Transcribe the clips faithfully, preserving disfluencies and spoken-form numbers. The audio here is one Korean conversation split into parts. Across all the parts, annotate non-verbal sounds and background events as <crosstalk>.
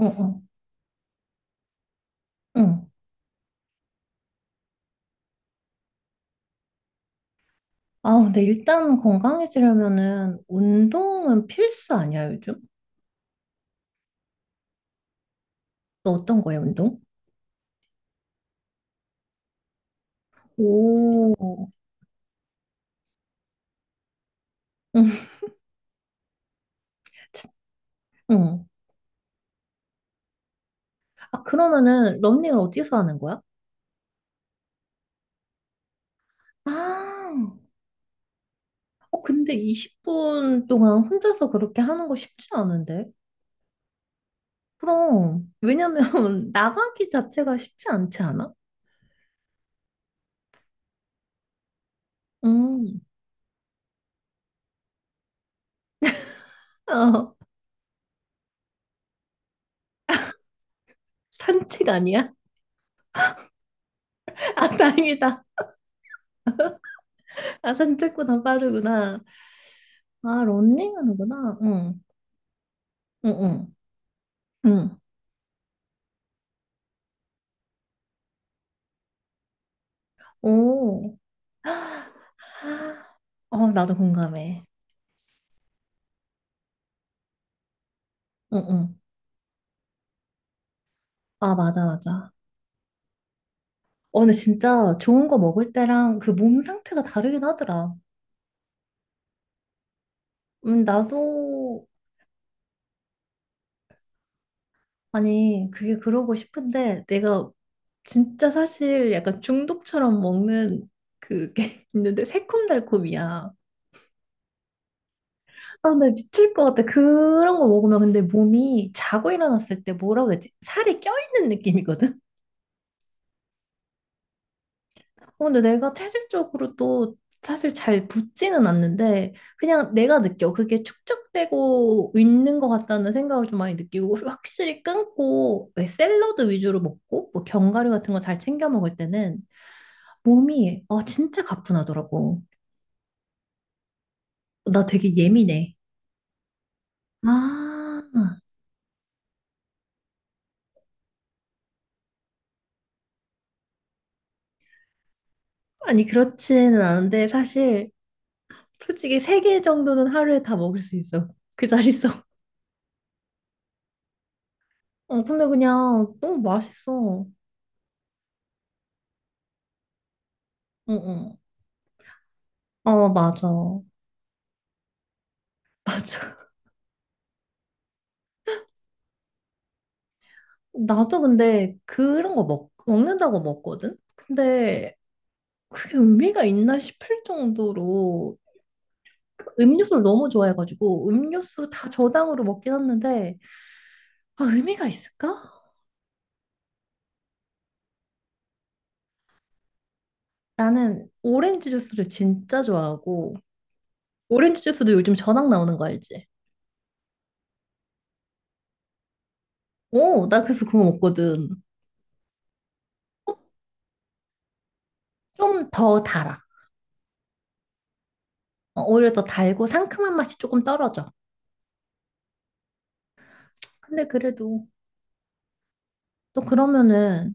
응, 응, 응. 아, 근데 일단 건강해지려면은 운동은 필수 아니야, 요즘? 너 어떤 거야, 운동? 오, 응, 참, 응. 아, 그러면은 러닝을 어디서 하는 거야? 아, 어, 근데 이십 분 동안 혼자서 그렇게 하는 거 쉽지 않은데? 그럼, 왜냐면 <laughs> 나가기 자체가 쉽지 않지 않아? 음, 어, 산책 아니야? <laughs> 아, 다행이다. 아, 산책보다 빠르구나. 아, 러닝 하는구나. 응. 응, 응, 응. 오. <gasps> 어, 나도 공감해. 응, 응. 아, 맞아, 맞아. 어, 근데 진짜 좋은 거 먹을 때랑 그 몸 상태가 다르긴 하더라. 음, 나도, 아니, 그게 그러고 싶은데, 내가 진짜 사실 약간 중독처럼 먹는 그게 <laughs> 있는데, 새콤달콤이야. 아, 나 미칠 것 같아. 그런 거 먹으면 근데 몸이 자고 일어났을 때 뭐라고 해야 되지? 살이 껴있는 느낌이거든? 어, 근데 내가 체질적으로 또 사실 잘 붙지는 않는데 그냥 내가 느껴. 그게 축적되고 있는 것 같다는 생각을 좀 많이 느끼고 확실히 끊고 왜 샐러드 위주로 먹고 뭐 견과류 같은 거 잘 챙겨 먹을 때는 몸이 어, 진짜 가뿐하더라고. 나 되게 예민해. 아, 아니 그렇지는 않은데 사실 솔직히 세 개 정도는 하루에 다 먹을 수 있어. 그 자리에서. <laughs> 어, 근데 그냥 너무 맛있어. 응, 응. 어, 맞아. 맞아. 나도 근데 그런 거 먹, 먹는다고 먹거든? 근데 그게 의미가 있나 싶을 정도로 음료수를 너무 좋아해가지고 음료수 다 저당으로 먹긴 했는데 아, 의미가 있을까? 나는 오렌지 주스를 진짜 좋아하고 오렌지 주스도 요즘 저당 나오는 거 알지? 오, 나 그래서 그거 먹거든. 어, 좀더 달아. 어, 오히려 더 달고 상큼한 맛이 조금 떨어져. 근데 그래도 또 그러면은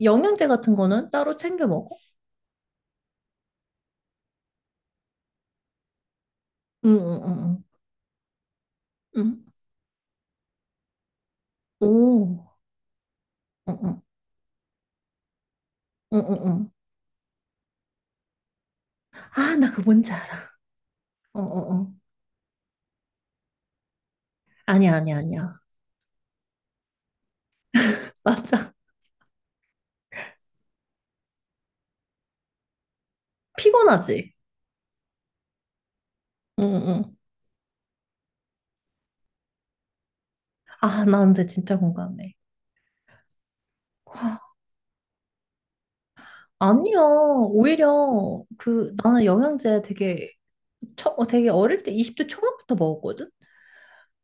영양제 같은 거는 따로 챙겨 먹어? 응응응응. 응. 응, 응. 응. 오. 응응. 응응응. 아, 나 그거 뭔지 알아. 어어어. 아니야, 아니야, 아니야. <laughs> 맞아. 피곤하지? 응응. 아, 나 근데 진짜 공감해. 와, 아니야. 오히려 그 나는 영양제 되게 처, 어, 되게 어릴 때 이십 대 초반부터 먹었거든?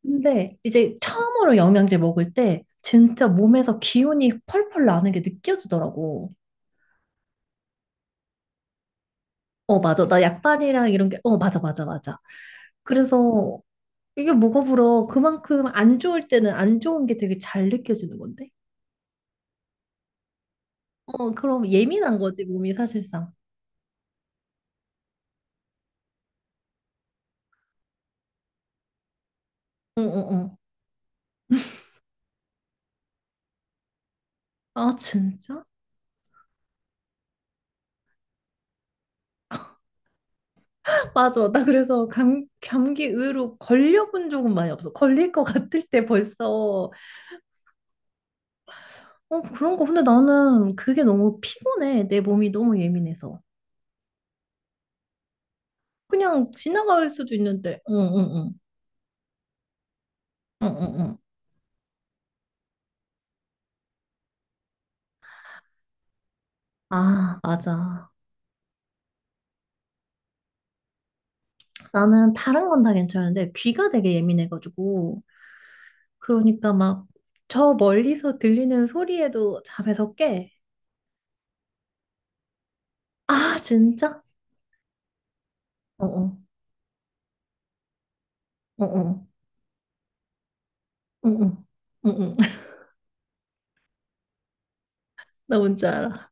근데 이제 처음으로 영양제 먹을 때 진짜 몸에서 기운이 펄펄 나는 게 느껴지더라고. 어, 맞아. 나 약발이랑 이런 게, 어, 맞아, 맞아, 맞아. 그래서 이게 뭐가 부러워? 그만큼 안 좋을 때는 안 좋은 게 되게 잘 느껴지는 건데? 어, 그럼 예민한 거지, 몸이 사실상. 응, 응, 응. 아, 진짜? <laughs> 맞아. 나 그래서 감, 감기 의외로 걸려본 적은 많이 없어. 걸릴 것 같을 때 벌써. 어, 그런 거. 근데 나는 그게 너무 피곤해. 내 몸이 너무 예민해서. 그냥 지나갈 수도 있는데. 응, 응, 응. 응, 응, 응. 아, 맞아. 나는 다른 건 다 괜찮은데 귀가 되게 예민해가지고. 그러니까 막 저 멀리서 들리는 소리에도 잠에서 깨. 아, 진짜? 어어, 어어, 어어, 어어. <laughs> 나 뭔지 알아.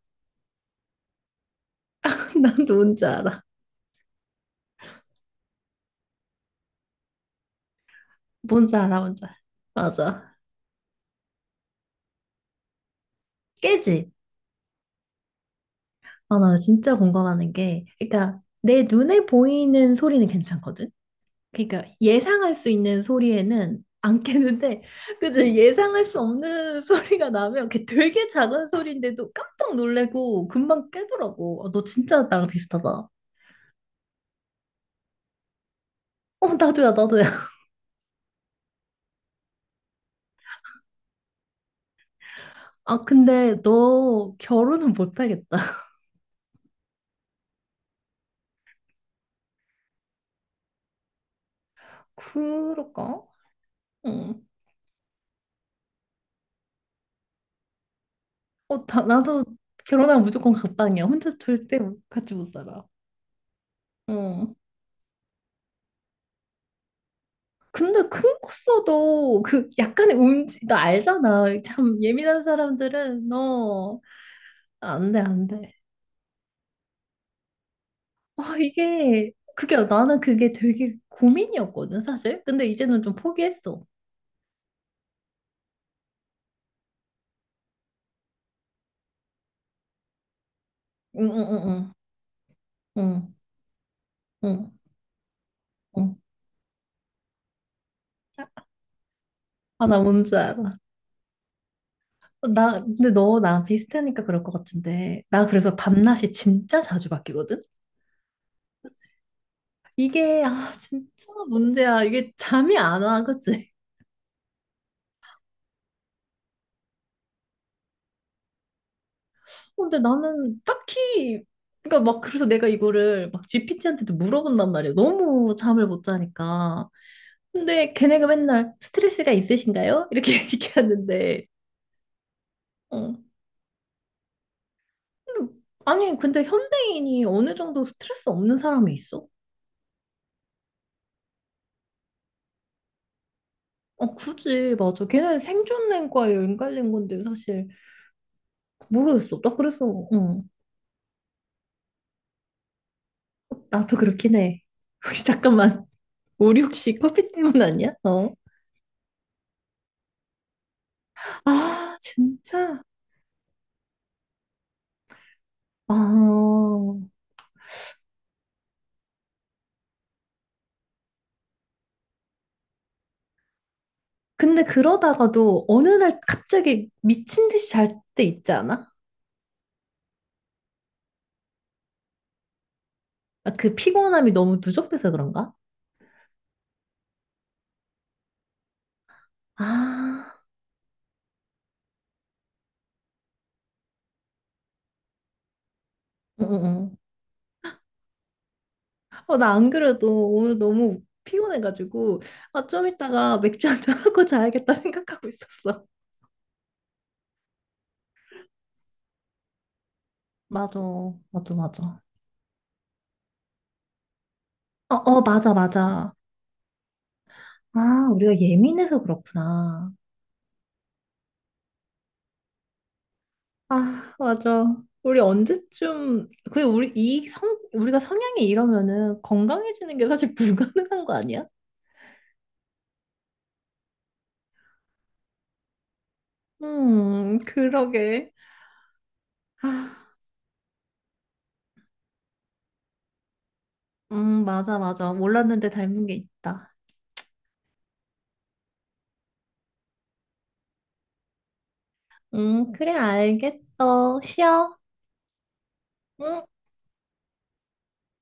<laughs> 나도 뭔지 알아. 뭔지 알아, 뭔지 알아. 맞아. 깨지? 아, 나 진짜 공감하는 게, 그러니까 내 눈에 보이는 소리는 괜찮거든? 그러니까 예상할 수 있는 소리에는 안 깨는데 그치 예상할 수 없는 <laughs> 소리가 나면 그게 되게 작은 소리인데도 깜짝 놀래고 금방 깨더라고. 아, 너 진짜 나랑 비슷하다. 어, 나도야, 나도야. <laughs> 아, 근데 너 결혼은 못하겠다. <laughs> 그럴까? 응. 어, 다, 나도 결혼하면 무조건 각방이야. 혼자 절대 같이 못 살아. 응. 근데 큰 거 써도 그 약간의 움직, 나 알잖아. 참 예민한 사람들은 너 안 돼, 안 돼. 아, 이게, 그게, 나는 그게 되게 고민이었거든, 사실. 근데 이제는 좀 포기했어. 응, 응, 응, 응, 응, 응. 응. 아, 나 뭔지 알아. 나, 근데 너 나랑 비슷하니까 그럴 것 같은데. 나 그래서 밤낮이 진짜 자주 바뀌거든? 이게, 아, 진짜 문제야. 이게 잠이 안 와, 그치? 근데 나는 딱히, 그러니까 막, 그래서 내가 이거를 막 지피티한테도 물어본단 말이야. 너무 잠을 못 자니까. 근데 걔네가 맨날 스트레스가 있으신가요? 이렇게 <laughs> 얘기하는데, 어. 근데 아니, 근데 현대인이 어느 정도 스트레스 없는 사람이 있어? 어, 굳이, 맞아. 걔네는 생존과에 연관된 건데, 사실. 모르겠어. 나 그래서, 어. 나도 그렇긴 해. <laughs> 혹시 잠깐만. 우리 혹시 커피 때문 아니야? 어. 아, 진짜? 아. 근데 그러다가도 어느 날 갑자기 미친 듯이 잘 때 있지 않아? 아, 그 피곤함이 너무 누적돼서 그런가? 아, 응응응. 어, 나 안 그래도 오늘 너무 피곤해가지고, 아, 좀 이따가 맥주 한잔 <laughs> 하고 자야겠다 생각하고 있었어. 맞아, 맞아, 맞아. 어, 어, 맞아, 맞아. 아, 우리가 예민해서 그렇구나. 아, 맞아. 우리 언제쯤, 그, 우리, 이 성, 우리가 성향이 이러면은 건강해지는 게 사실 <laughs> 불가능한 거 아니야? 음, 그러게. 아, 음, 맞아, 맞아. 몰랐는데 닮은 게 있다. 음, 그래, 알겠어. 쉬어. 응?